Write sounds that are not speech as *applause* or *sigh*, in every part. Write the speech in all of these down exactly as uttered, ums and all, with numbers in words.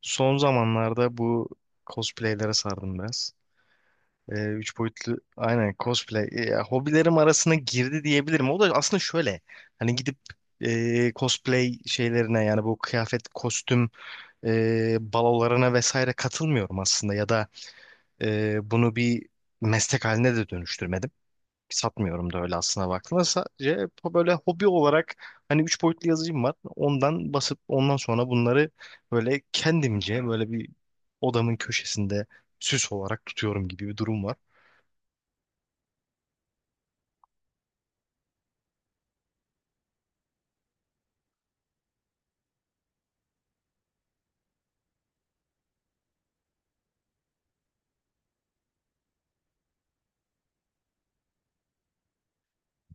Son zamanlarda bu cosplaylere sardım biraz. Ee, üç boyutlu aynen cosplay e, ya, hobilerim arasına girdi diyebilirim. O da aslında şöyle hani gidip e, cosplay şeylerine yani bu kıyafet, kostüm e, balolarına vesaire katılmıyorum aslında, ya da e, bunu bir meslek haline de dönüştürmedim, satmıyorum da öyle aslına baktığında. Sadece böyle hobi olarak hani üç boyutlu yazıcım var. Ondan basıp ondan sonra bunları böyle kendimce böyle bir odamın köşesinde süs olarak tutuyorum gibi bir durum var.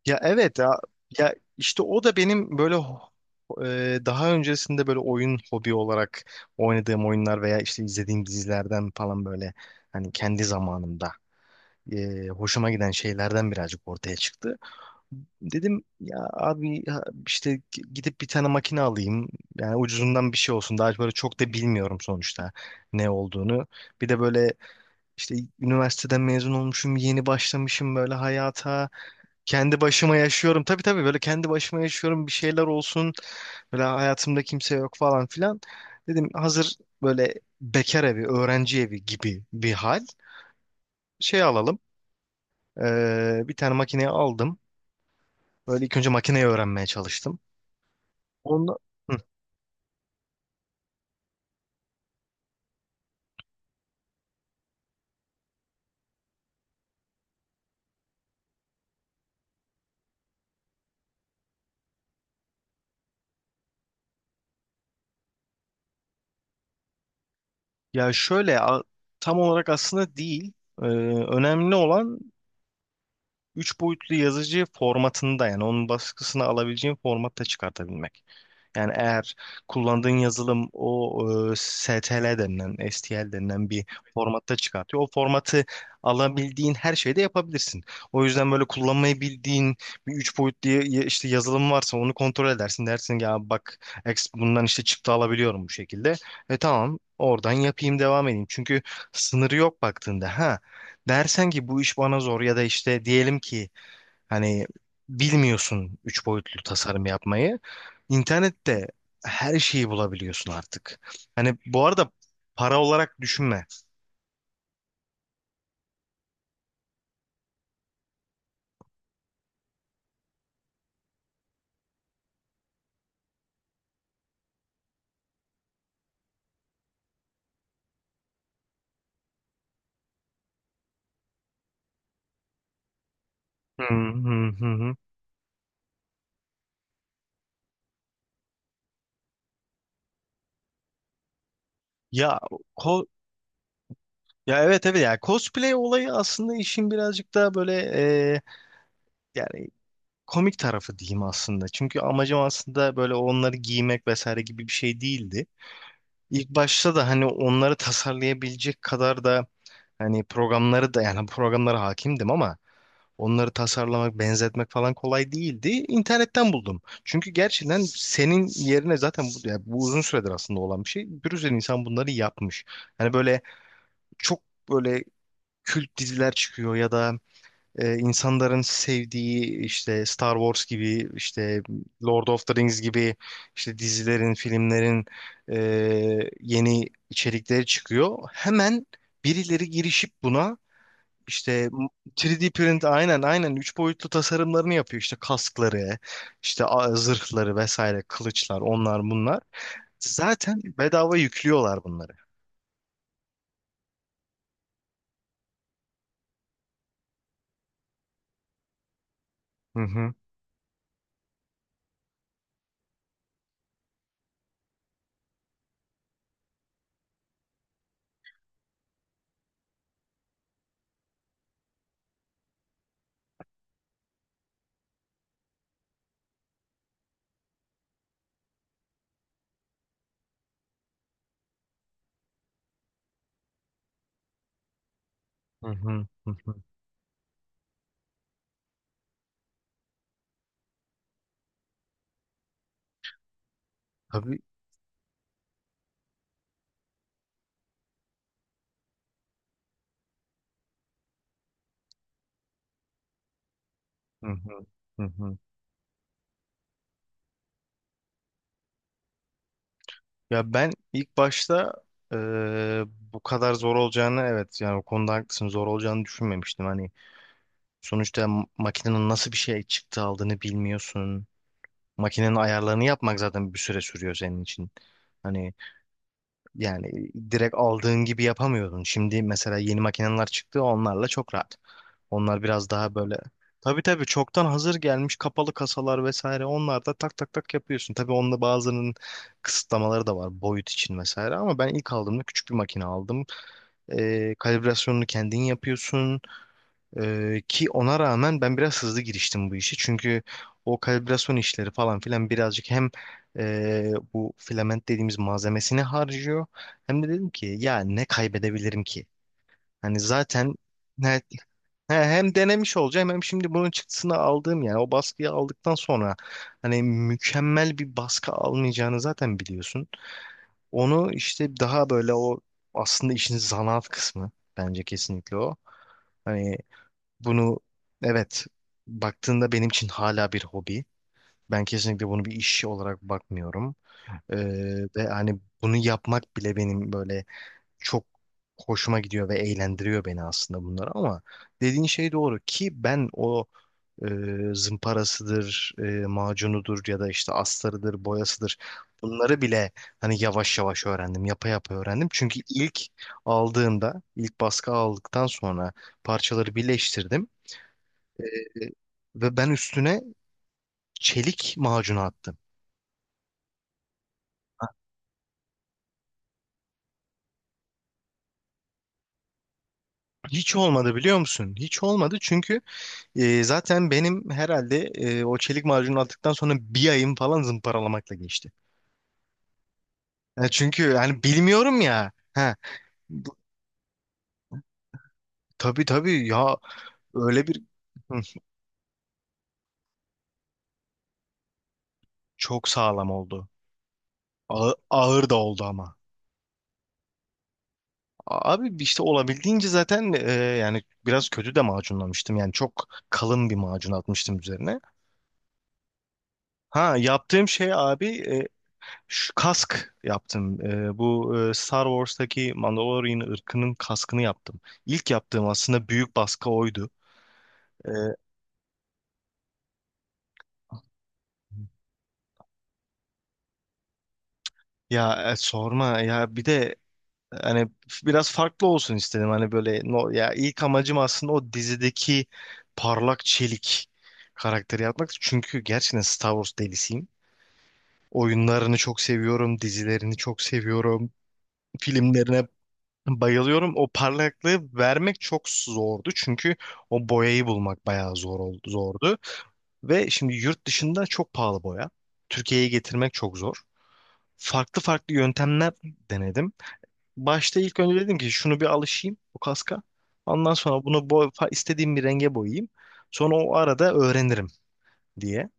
Ya, evet ya, ya işte o da benim böyle ho- e, daha öncesinde böyle oyun hobi olarak oynadığım oyunlar veya işte izlediğim dizilerden falan böyle hani kendi zamanımda e, hoşuma giden şeylerden birazcık ortaya çıktı. Dedim ya abi, ha- işte g- gidip bir tane makine alayım. Yani ucuzundan bir şey olsun. Daha böyle çok da bilmiyorum sonuçta ne olduğunu. Bir de böyle işte üniversiteden mezun olmuşum, yeni başlamışım böyle hayata. Kendi başıma yaşıyorum. Tabii tabii, böyle kendi başıma yaşıyorum. Bir şeyler olsun. Böyle hayatımda kimse yok falan filan. Dedim hazır böyle bekar evi, öğrenci evi gibi bir hal. Şey alalım. Ee, bir tane makineyi aldım. Böyle ilk önce makineyi öğrenmeye çalıştım. Onda. Hı. ya şöyle a- Tam olarak aslında değil. Ee, önemli olan Üç boyutlu yazıcı formatında yani onun baskısını alabileceğin formatta çıkartabilmek. Yani eğer kullandığın yazılım o e, S T L denilen, S T L denilen bir formatta çıkartıyor. O formatı alabildiğin her şeyde yapabilirsin. O yüzden böyle kullanmayı bildiğin bir üç boyutlu ya- işte yazılım varsa onu kontrol edersin. Dersin ki ya bak, ex- bundan işte çıktı alabiliyorum bu şekilde. E tamam, oradan yapayım, devam edeyim. Çünkü sınırı yok baktığında. Ha, dersen ki bu iş bana zor ya da işte diyelim ki hani bilmiyorsun üç boyutlu tasarım yapmayı. İnternette her şeyi bulabiliyorsun artık. Hani bu arada para olarak düşünme. Hı hı hı, hı. Ya ko Ya, evet evet, ya cosplay olayı aslında işin birazcık daha böyle e, yani komik tarafı diyeyim aslında. Çünkü amacım aslında böyle onları giymek vesaire gibi bir şey değildi. İlk başta da hani onları tasarlayabilecek kadar da hani programları da yani programlara hakimdim ama onları tasarlamak, benzetmek falan kolay değildi. İnternetten buldum. Çünkü gerçekten senin yerine zaten bu, yani bu uzun süredir aslında olan bir şey. Bir sürü insan bunları yapmış. Hani böyle çok böyle kült diziler çıkıyor ya da e, insanların sevdiği işte Star Wars gibi, işte Lord of the Rings gibi, işte dizilerin, filmlerin e, yeni içerikleri çıkıyor. Hemen birileri girişip buna işte three D print, aynen aynen üç boyutlu tasarımlarını yapıyor. İşte kaskları, işte a- zırhları vesaire, kılıçlar, onlar bunlar. Zaten bedava yüklüyorlar bunları. Hı hı. Hı hı. Hı hı. Tabii. Hı hı. Hı hı. Ya ben ilk başta eee, bu kadar zor olacağını, evet yani o konuda haklısın, zor olacağını düşünmemiştim. Hani sonuçta m- makinenin nasıl bir şey çıktı aldığını bilmiyorsun. Makinenin ayarlarını yapmak zaten bir süre sürüyor senin için. Hani yani direkt aldığın gibi yapamıyordun. Şimdi mesela yeni makineler çıktı, onlarla çok rahat. Onlar biraz daha böyle. Tabii tabii, çoktan hazır gelmiş kapalı kasalar vesaire. Onlar da tak tak tak yapıyorsun. Tabii onda bazılarının kısıtlamaları da var boyut için vesaire. Ama ben ilk aldığımda küçük bir makine aldım. Ee, kalibrasyonunu kendin yapıyorsun. Ee, ki ona rağmen ben biraz hızlı giriştim bu işe. Çünkü o kalibrasyon işleri falan filan birazcık hem ee, bu filament dediğimiz malzemesini harcıyor. Hem de dedim ki ya ne kaybedebilirim ki? Hani zaten. He, hem denemiş olacağım, hem şimdi bunun çıktısını aldığım yani o baskıyı aldıktan sonra hani mükemmel bir baskı almayacağını zaten biliyorsun. Onu işte daha böyle o, aslında işin zanaat kısmı bence kesinlikle o. Hani bunu evet baktığında benim için hala bir hobi. Ben kesinlikle bunu bir iş olarak bakmıyorum. Ee, ve hani bunu yapmak bile benim böyle çok hoşuma gidiyor ve eğlendiriyor beni aslında bunlar ama dediğin şey doğru ki ben o e, zımparasıdır, e, macunudur ya da işte astarıdır, boyasıdır. Bunları bile hani yavaş yavaş öğrendim, yapa yapa öğrendim. Çünkü ilk aldığımda, ilk baskı aldıktan sonra parçaları birleştirdim e, ve ben üstüne çelik macunu attım. Hiç olmadı biliyor musun? Hiç olmadı çünkü e, zaten benim herhalde e, o çelik macunu attıktan sonra bir ayım falan zımparalamakla geçti. E, çünkü hani bilmiyorum ya. Ha, tabii tabii ya, öyle bir, hı, çok sağlam oldu. Ağır, ağır da oldu ama. Abi işte olabildiğince zaten e, yani biraz kötü de macunlamıştım. Yani çok kalın bir macun atmıştım üzerine. Ha, yaptığım şey abi e, şu kask yaptım. E, bu e, Star Wars'taki Mandalorian ırkının kaskını yaptım. İlk yaptığım aslında büyük baskı oydu. E, ya e, sorma ya, bir de hani biraz farklı olsun istedim. Hani böyle no, ya ilk amacım aslında o dizideki parlak çelik karakteri yapmak. Çünkü gerçekten Star Wars delisiyim. Oyunlarını çok seviyorum, dizilerini çok seviyorum, filmlerine bayılıyorum. O parlaklığı vermek çok zordu. Çünkü o boyayı bulmak bayağı zor oldu, zordu. Ve şimdi yurt dışında çok pahalı boya. Türkiye'ye getirmek çok zor. Farklı farklı yöntemler denedim. Başta ilk önce dedim ki şunu bir alışayım bu kaska. Ondan sonra bunu boy, fa- istediğim bir renge boyayayım. Sonra o arada öğrenirim diye.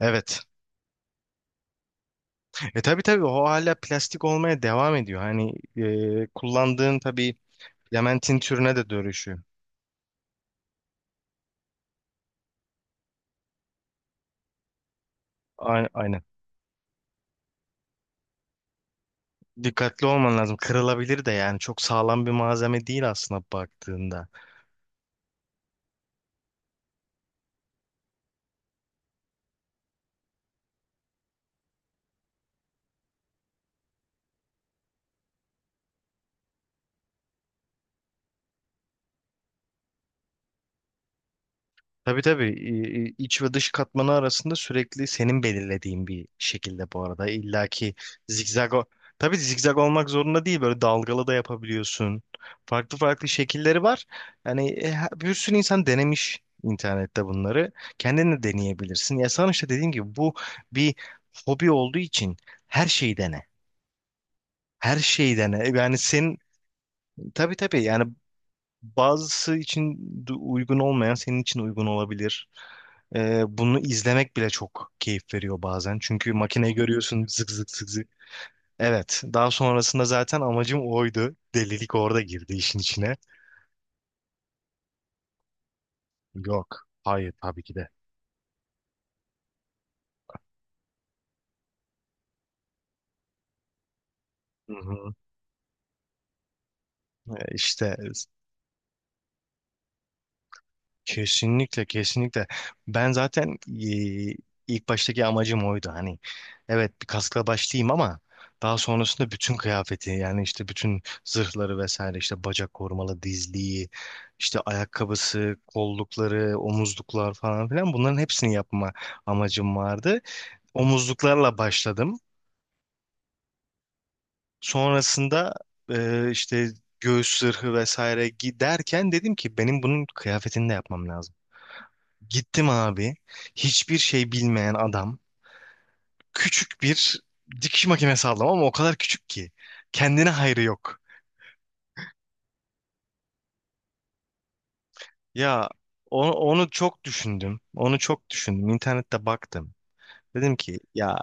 Evet. E tabii tabii, o hala plastik olmaya devam ediyor. Hani e, kullandığın tabii lamentin türüne de dönüşüyor. Ay- Aynen. Dikkatli olman lazım. Kırılabilir de yani çok sağlam bir malzeme değil aslında baktığında. Tabii tabii İ- i- iç ve dış katmanı arasında sürekli senin belirlediğin bir şekilde bu arada. İlla ki zigzag o- tabii zigzag olmak zorunda değil, böyle dalgalı da yapabiliyorsun. Farklı farklı şekilleri var. Yani e, ha- bir sürü insan denemiş internette bunları. Kendin de deneyebilirsin. Ya sana işte dediğim gibi, bu bir hobi olduğu için her şeyi dene. Her şeyi dene. Yani senin, tabii tabii yani, bazısı için du- uygun olmayan senin için uygun olabilir. Ee, bunu izlemek bile çok keyif veriyor bazen. Çünkü makineyi görüyorsun, zık zık zık zık. Evet, daha sonrasında zaten amacım oydu. Delilik orada girdi işin içine. Yok, hayır tabii ki de. Hı hı. Ee, İşte Kesinlikle, kesinlikle. Ben zaten e, ilk baştaki amacım oydu. Hani evet bir kaskla başlayayım ama daha sonrasında bütün kıyafeti yani işte bütün zırhları vesaire, işte bacak korumalı dizliği, işte ayakkabısı, kollukları, omuzluklar falan filan, bunların hepsini yapma amacım vardı. Omuzluklarla başladım. Sonrasında e, işte göğüs zırhı vesaire giderken dedim ki benim bunun kıyafetini de yapmam lazım. Gittim abi. Hiçbir şey bilmeyen adam. Küçük bir dikiş makinesi aldım ama o kadar küçük ki. Kendine hayrı yok. Ya onu, onu çok düşündüm. Onu çok düşündüm. İnternette baktım. Dedim ki ya,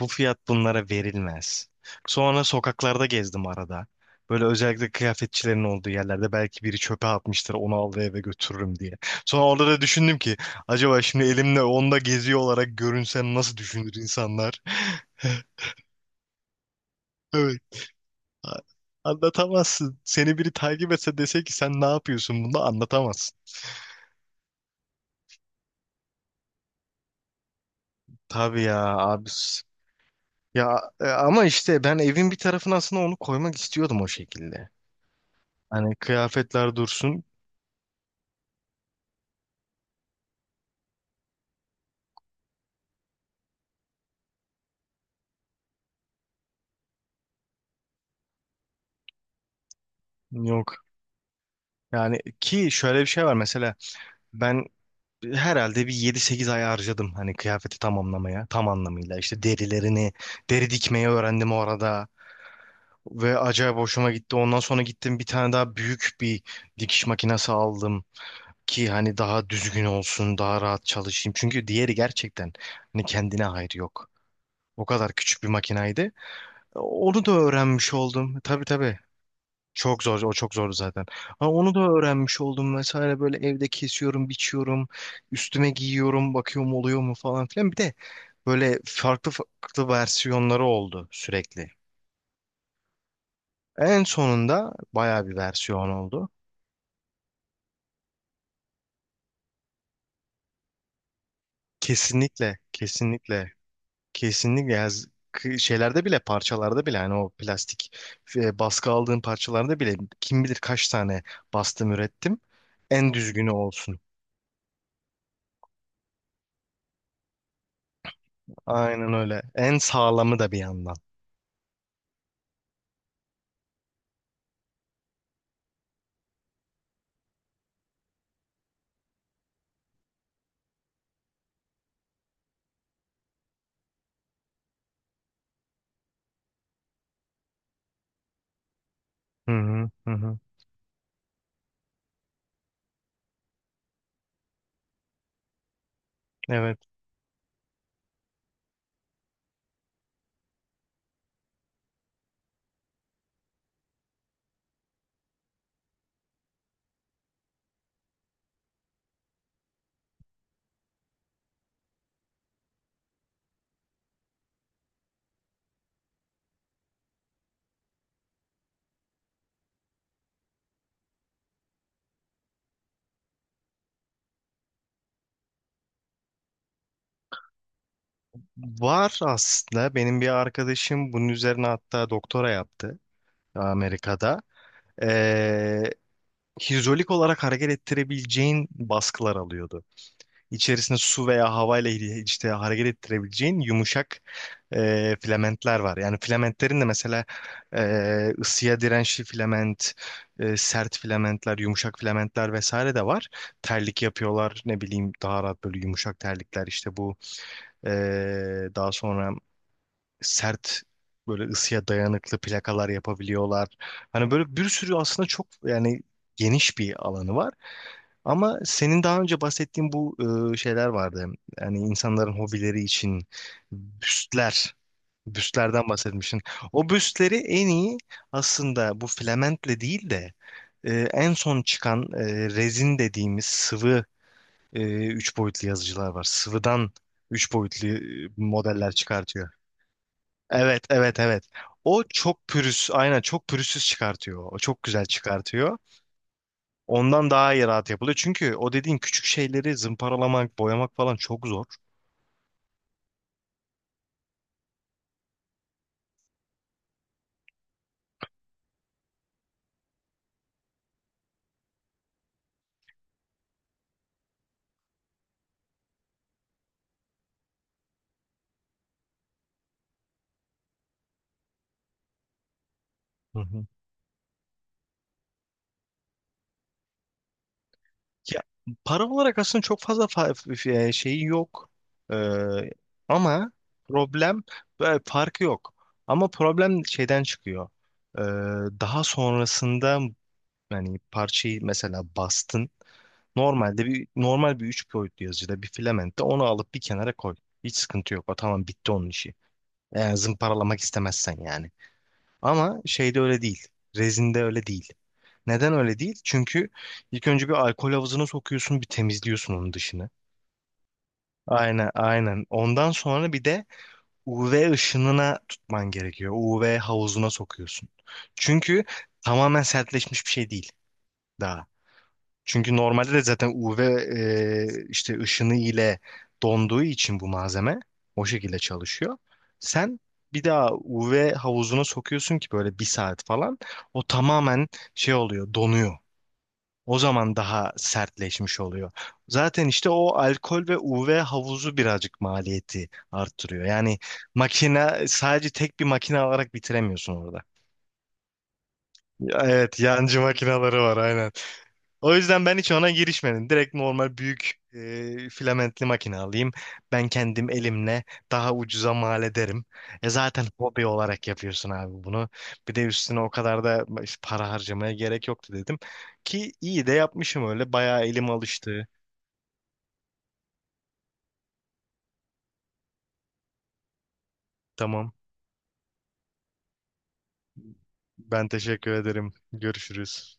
bu fiyat bunlara verilmez. Sonra sokaklarda gezdim arada. Böyle özellikle kıyafetçilerin olduğu yerlerde belki biri çöpe atmıştır onu al ve eve götürürüm diye. Sonra orada da düşündüm ki acaba şimdi elimle onda geziyor olarak görünsem nasıl düşünür insanlar? *laughs* Evet. A- Anlatamazsın. Seni biri takip etse dese ki sen ne yapıyorsun, bunu anlatamazsın. Tabii ya abi. Ya e, ama işte ben evin bir tarafına aslında onu koymak istiyordum o şekilde. Hani kıyafetler dursun. Yok. Yani ki şöyle bir şey var mesela, ben herhalde bir yedi sekiz ay harcadım hani kıyafeti tamamlamaya tam anlamıyla, işte derilerini deri dikmeyi öğrendim orada ve acayip hoşuma gitti, ondan sonra gittim bir tane daha büyük bir dikiş makinesi aldım ki hani daha düzgün olsun, daha rahat çalışayım. Çünkü diğeri gerçekten hani kendine hayrı yok. O kadar küçük bir makinaydı. E, Onu da öğrenmiş oldum. Tabii tabii. Çok zor, o çok zordu zaten. Ama onu da öğrenmiş oldum vesaire, böyle evde kesiyorum, biçiyorum, üstüme giyiyorum, bakıyorum oluyor mu falan filan. Bir de böyle farklı farklı versiyonları oldu sürekli. En sonunda bayağı bir versiyon oldu. Kesinlikle, kesinlikle. Kesinlikle ya, z- k- şeylerde bile, parçalarda bile hani o plastik e, baskı aldığım parçalarda bile kim bilir kaç tane bastım, ürettim. En düzgünü olsun. Aynen öyle. En sağlamı da bir yandan. Hı hı hı, hı. Evet. Var aslında, benim bir arkadaşım bunun üzerine hatta doktora yaptı Amerika'da. Ee, hidrolik olarak hareket ettirebileceğin baskılar alıyordu. İçerisinde su veya havayla hi- işte hareket ettirebileceğin yumuşak e, filamentler var. Yani filamentlerin de mesela e, ısıya dirençli filament, e, sert filamentler, yumuşak filamentler vesaire de var. Terlik yapıyorlar, ne bileyim, daha rahat böyle yumuşak terlikler, işte bu e, daha sonra sert, böyle ısıya dayanıklı plakalar yapabiliyorlar. Hani böyle bir sürü, aslında çok yani geniş bir alanı var. Ama senin daha önce bahsettiğin bu e, şeyler vardı. Yani insanların hobileri için büstler, büstlerden bahsetmiştin. O büstleri en iyi aslında bu filamentle değil de e, en son çıkan e, rezin dediğimiz sıvı e, üç boyutlu yazıcılar var. Sıvıdan üç boyutlu e, modeller çıkartıyor. Evet, evet, evet. O çok pürüz, aynen çok pürüzsüz çıkartıyor. O çok güzel çıkartıyor. Ondan daha iyi, rahat yapılıyor. Çünkü o dediğin küçük şeyleri zımparalamak, boyamak falan çok zor. Hı hı. Ya, para olarak aslında çok fazla fa- f- e, şeyi yok. Ee, ama problem, böyle farkı yok. Ama problem şeyden çıkıyor. Ee, daha sonrasında yani parçayı mesela bastın. Normalde bir normal bir üç boyutlu yazıcıda, bir filamentte, onu alıp bir kenara koy. Hiç sıkıntı yok. O tamam, bitti onun işi. Eğer zımparalamak istemezsen yani. Ama şeyde öyle değil. Rezinde öyle değil. Neden öyle değil? Çünkü ilk önce bir alkol havuzuna sokuyorsun, bir temizliyorsun onun dışını. Aynen, aynen. Ondan sonra bir de U V ışınına tutman gerekiyor. U V havuzuna sokuyorsun. Çünkü tamamen sertleşmiş bir şey değil daha. Çünkü normalde de zaten U V e, işte ışını ile donduğu için bu malzeme o şekilde çalışıyor. Sen bir daha U V havuzuna sokuyorsun ki böyle bir saat falan o tamamen, şey oluyor, donuyor. O zaman daha sertleşmiş oluyor. Zaten işte o alkol ve U V havuzu birazcık maliyeti arttırıyor. Yani makine, sadece tek bir makine alarak bitiremiyorsun orada. Evet, yancı makineleri var aynen. O yüzden ben hiç ona girişmedim. Direkt normal büyük e, filamentli makine alayım. Ben kendim elimle daha ucuza mal ederim. E zaten hobi olarak yapıyorsun abi bunu. Bir de üstüne o kadar da işte para harcamaya gerek yoktu dedim. Ki iyi de yapmışım öyle. Bayağı elim alıştı. Tamam. Ben teşekkür ederim. Görüşürüz.